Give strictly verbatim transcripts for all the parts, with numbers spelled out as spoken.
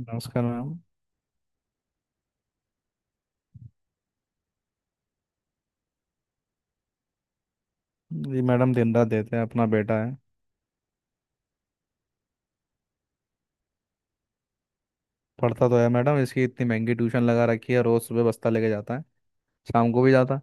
नमस्कार मैम। जी मैडम, दिन रात देते हैं, अपना बेटा है। पढ़ता तो है मैडम, इसकी इतनी महंगी ट्यूशन लगा रखी है। रोज सुबह बस्ता लेके जाता है, शाम को भी जाता है।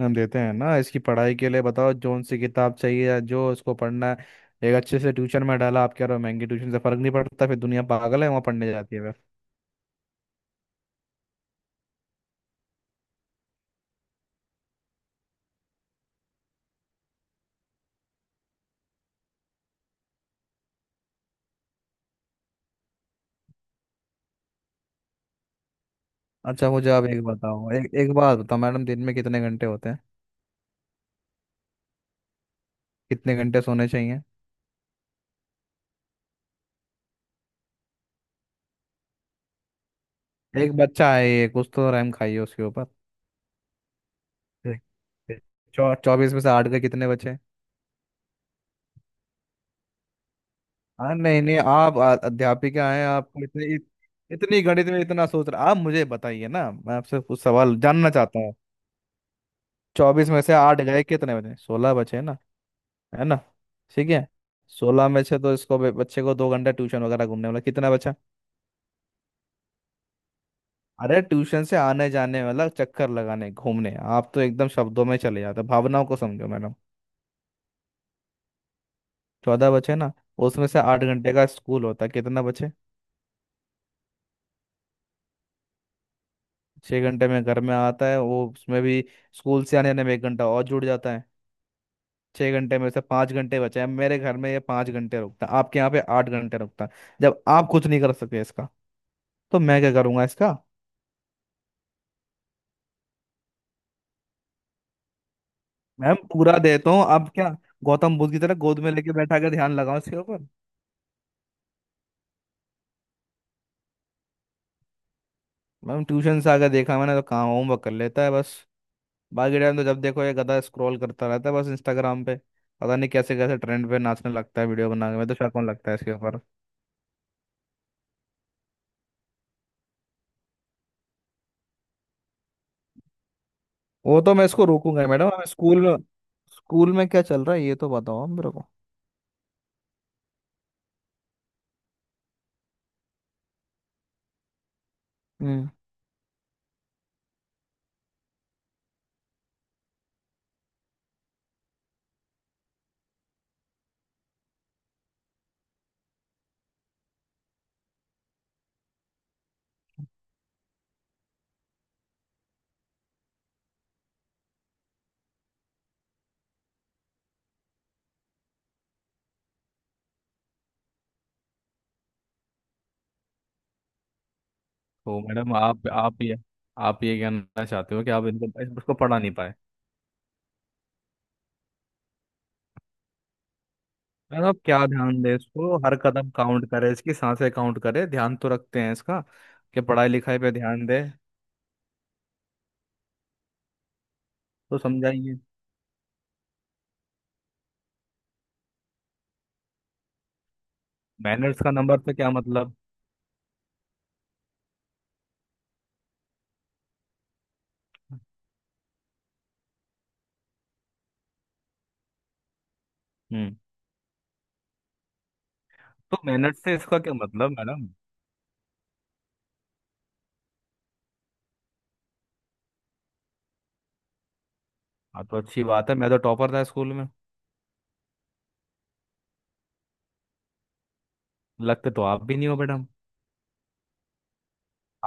हम देते हैं ना इसकी पढ़ाई के लिए। बताओ जोन सी किताब चाहिए या जो इसको पढ़ना है। एक अच्छे से ट्यूशन में डाला। आप कह रहे हो महंगी ट्यूशन से फर्क नहीं पड़ता, फिर दुनिया पागल है वहाँ पढ़ने जाती है फिर? अच्छा, मुझे आप एक बताओ, एक एक बात बताओ मैडम। दिन में कितने घंटे होते हैं? कितने घंटे सोने चाहिए? एक बच्चा है ये, कुछ तो रैम खाइए उसके ऊपर। ठीक, ठीक। चौ चौबीस में से आठ के कितने बचे? हाँ, नहीं, नहीं, आप आ- अध्यापिका हैं, आपको इतनी इत- इतनी गणित में इतना सोच रहा, आप मुझे बताइए ना। मैं आपसे कुछ सवाल जानना चाहता हूँ। चौबीस में से आठ गए कितने बचे? सोलह बचे ना? है ना? ठीक है। सोलह में से तो इसको बे- बच्चे को दो घंटा ट्यूशन वगैरह घूमने वाला कितना बचा? अरे ट्यूशन से आने जाने वाला चक्कर लगाने घूमने, आप तो एकदम शब्दों में चले जाते हो। भावनाओं को समझो मैडम। चौदह बचे ना? उसमें से आठ घंटे का स्कूल होता है, कितना बचे? छह घंटे में घर में आता है वो, उसमें भी स्कूल से आने आने में एक घंटा और जुड़ जाता है। छः घंटे में से पाँच घंटे बचे हैं। मेरे घर में ये पाँच घंटे रुकता है, आपके यहाँ पे आठ घंटे रुकता है। जब आप कुछ नहीं कर सके इसका, तो मैं क्या करूंगा इसका? मैम पूरा देता हूँ। अब क्या गौतम बुद्ध की तरह गोद में लेके बैठा के ध्यान लगाओ इसके ऊपर? मैम ट्यूशन से आकर देखा मैंने तो, कहाँ होमवर्क कर लेता है बस। बाकी टाइम तो जब देखो ये गधा स्क्रॉल करता रहता है बस इंस्टाग्राम पे। पता नहीं कैसे कैसे ट्रेंड पे नाचने लगता है वीडियो बना के। मैं तो शौक लगता है इसके ऊपर। वो तो मैं इसको रोकूंगा मैडम। हमें स्कूल में स्कूल में क्या चल रहा है ये तो बताओ आप मेरे को। हम्म। तो मैडम, आप आप ये आप ये कहना चाहते हो कि आप इनको इसको पढ़ा नहीं पाए? मैडम आप क्या ध्यान दें इसको, हर कदम काउंट करे, इसकी सांसें काउंट करे? ध्यान तो रखते हैं इसका कि पढ़ाई लिखाई पे ध्यान दे। तो समझाइए। मैनर्स का नंबर से क्या मतलब? हम्म। तो मैनर्स से इसका क्या मतलब मैडम? हाँ, तो अच्छी बात है, मैं तो टॉपर था स्कूल में। लगते तो आप भी नहीं हो मैडम।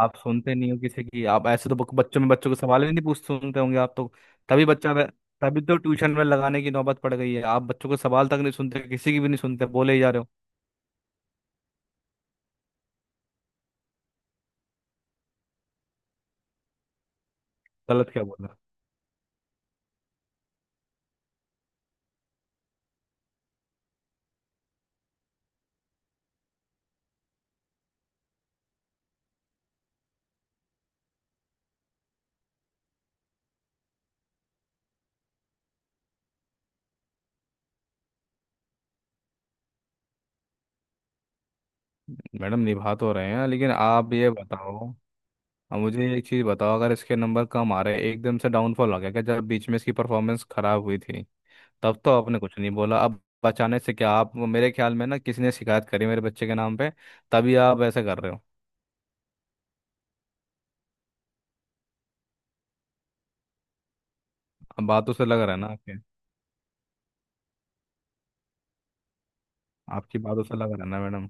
आप सुनते नहीं हो किसी की, आप ऐसे तो बक- बच्चों में बच्चों के सवाल ही नहीं पूछ सुनते होंगे आप तो। तभी बच्चा वे- तभी तो ट्यूशन में लगाने की नौबत पड़ गई है। आप बच्चों के सवाल तक नहीं सुनते, किसी की भी नहीं सुनते, बोले ही जा रहे हो। गलत क्या बोला? मैडम निभा तो रहे हैं, लेकिन आप ये बताओ। अब मुझे एक चीज़ बताओ, अगर इसके नंबर कम आ रहे हैं, एकदम से डाउनफॉल हो गया क्या, जब बीच में इसकी परफॉर्मेंस खराब हुई थी? तब तो आपने कुछ नहीं बोला, अब बचाने से क्या? आप मेरे ख्याल में ना, किसी ने शिकायत करी मेरे बच्चे के नाम पे तभी आप ऐसा कर रहे हो। अब बातों से लग रहा है ना। आपकी बातों से लग रहा है ना मैडम।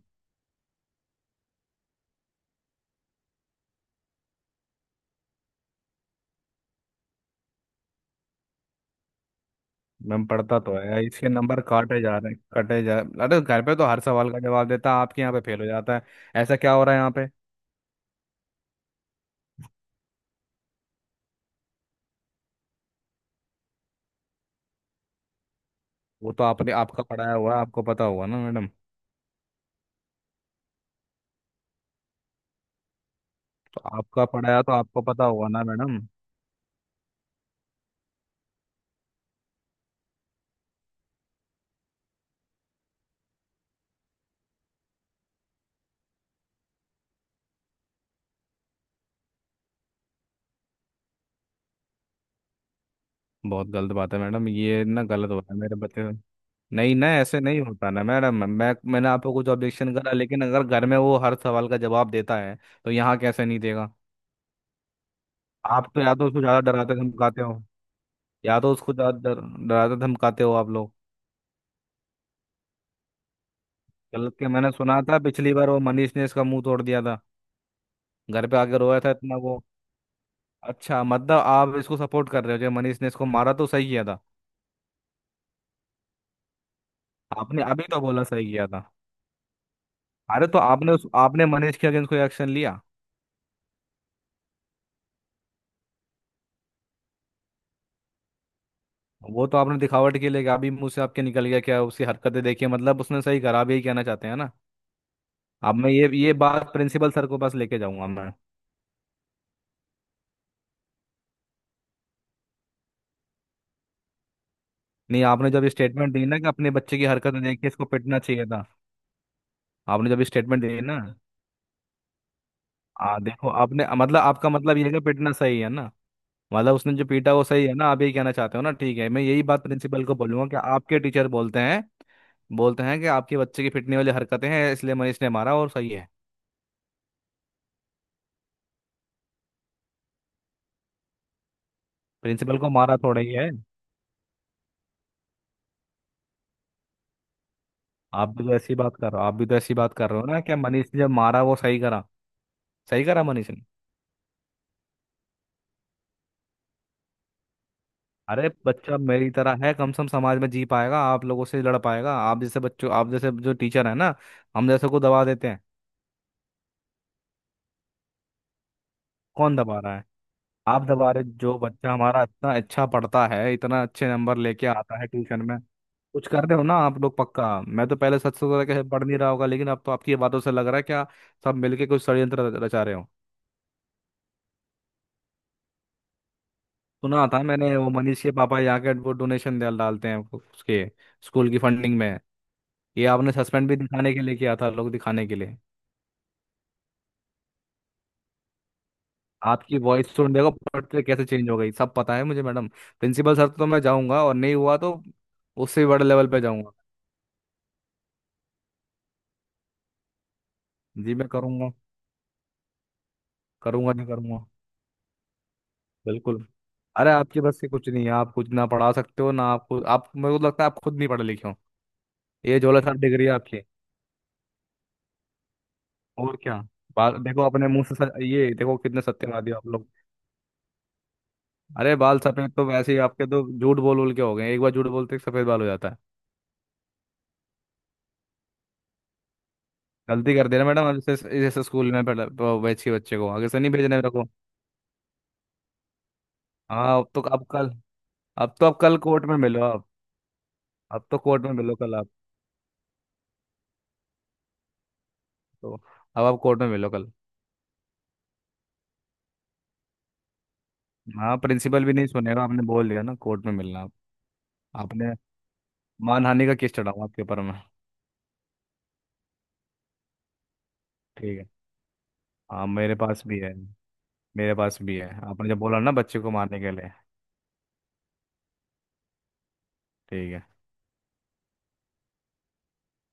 मैम पढ़ता तो है, इसके नंबर काटे जा रहे हैं, कटे जा अरे घर पे तो हर सवाल का जवाब देता है, आपके यहाँ पे फेल हो जाता है। ऐसा क्या हो रहा है यहाँ पे? वो तो आपने आपका पढ़ाया हुआ है, आपको पता हुआ ना मैडम। तो आपका पढ़ाया तो आपको पता हुआ ना मैडम। बहुत गलत बात है मैडम, ये ना गलत हो रहा है मेरे बच्चे से। नहीं ना, ऐसे नहीं होता ना मैडम, मैं मैंने आपको कुछ ऑब्जेक्शन करा लेकिन अगर घर में वो हर सवाल का जवाब देता है तो यहाँ कैसे नहीं देगा? आप तो या तो उसको ज्यादा डराते धमकाते हो, या तो उसको ज्यादा डर- डराते धमकाते हो आप लोग। गलत के मैंने सुना था, पिछली बार वो मनीष ने इसका मुंह तोड़ दिया था। घर पे आके रोया था इतना वो। अच्छा, मतलब आप इसको सपोर्ट कर रहे हो, जो मनीष ने इसको मारा तो सही किया था? आपने अभी तो बोला सही किया था। अरे तो आपने उस आपने मनीष के अगेंस्ट कोई एक्शन लिया? वो तो आपने दिखावट के लिए किया, अभी मुंह से आपके निकल गया, क्या उसकी हरकतें देखिए मतलब उसने सही करा, आप यही कहना चाहते हैं ना? अब मैं ये ये बात प्रिंसिपल सर को पास लेके जाऊंगा मैं। नहीं, आपने जब स्टेटमेंट दी ना कि अपने बच्चे की हरकतें देख के इसको पिटना चाहिए था। आपने जब स्टेटमेंट दी ना, आ, देखो आपने मतलब आपका मतलब ये है कि पिटना सही है ना? मतलब उसने जो पीटा वो सही है ना, आप यही कहना चाहते हो ना? ठीक है, मैं यही बात प्रिंसिपल को बोलूंगा कि आपके टीचर बोलते हैं बोलते हैं कि आपके बच्चे की पिटने वाली हरकतें हैं, इसलिए मनीष ने मारा और सही है। प्रिंसिपल को मारा थोड़ा ही है। आप भी तो ऐसी बात कर रहे हो आप भी तो ऐसी बात कर रहे हो ना कि मनीष ने जब मारा वो सही करा। सही करा मनीष ने। अरे बच्चा मेरी तरह है, कम से कम समाज में जी पाएगा, आप लोगों से लड़ पाएगा, आप जैसे बच्चों आप जैसे जो टीचर है ना हम जैसे को दबा देते हैं। कौन दबा रहा है? आप हमारे, जो बच्चा हमारा इतना अच्छा पढ़ता है, इतना अच्छे नंबर लेके आता है ट्यूशन में। कुछ कर रहे हो ना आप लोग पक्का, मैं तो पहले सच सोचा था कि पढ़ नहीं रहा होगा, लेकिन अब तो आपकी ये बातों से लग रहा है क्या सब मिलके कुछ षड्यंत्र रच- रचा रहे हो? सुना था मैंने वो मनीष के पापा यहाँ के वो डोनेशन डाल डालते हैं उसके स्कूल की फंडिंग में। ये आपने सस्पेंड भी दिखाने के लिए किया था, लोग दिखाने के लिए। आपकी वॉइस सुन देखो पढ़ते कैसे चेंज हो गई, सब पता है मुझे मैडम। प्रिंसिपल सर तो मैं जाऊंगा, और नहीं हुआ तो उससे भी बड़े लेवल पे जाऊंगा। जी मैं करूंगा। करूंगा नहीं करूंगा, बिल्कुल। अरे आपके बस से कुछ नहीं है, आप कुछ ना पढ़ा सकते हो ना आपको, आप मेरे को लगता है आप खुद नहीं पढ़े लिखे हो। ये झोला छाप डिग्री है आपकी। और क्या। बाल देखो अपने मुंह से सच- ये देखो कितने सत्यवादी हो आप लोग। अरे बाल सफेद तो वैसे ही आपके तो झूठ बोल बोल के हो गए, एक बार झूठ बोलते ही सफेद बाल हो जाता है। गलती कर देना मैडम, अब इसे इसे स्कूल में पढ़ा- प- भेज के बच्चे को आगे से नहीं भेजने रखो। हाँ, अब तो अब कल अब तो आप कल कोर्ट में मिलो आप। अब तो कोर्ट में मिलो कल आप तो। अब आप कोर्ट में मिलो कल। हाँ, प्रिंसिपल भी नहीं सुनेगा, आपने बोल दिया ना कोर्ट में मिलना आप। आपने मानहानि का केस चढ़ाऊंगा आपके ऊपर मैं। ठीक है। हाँ, मेरे पास भी है मेरे पास भी है, आपने जब बोला ना बच्चे को मारने के लिए। ठीक है।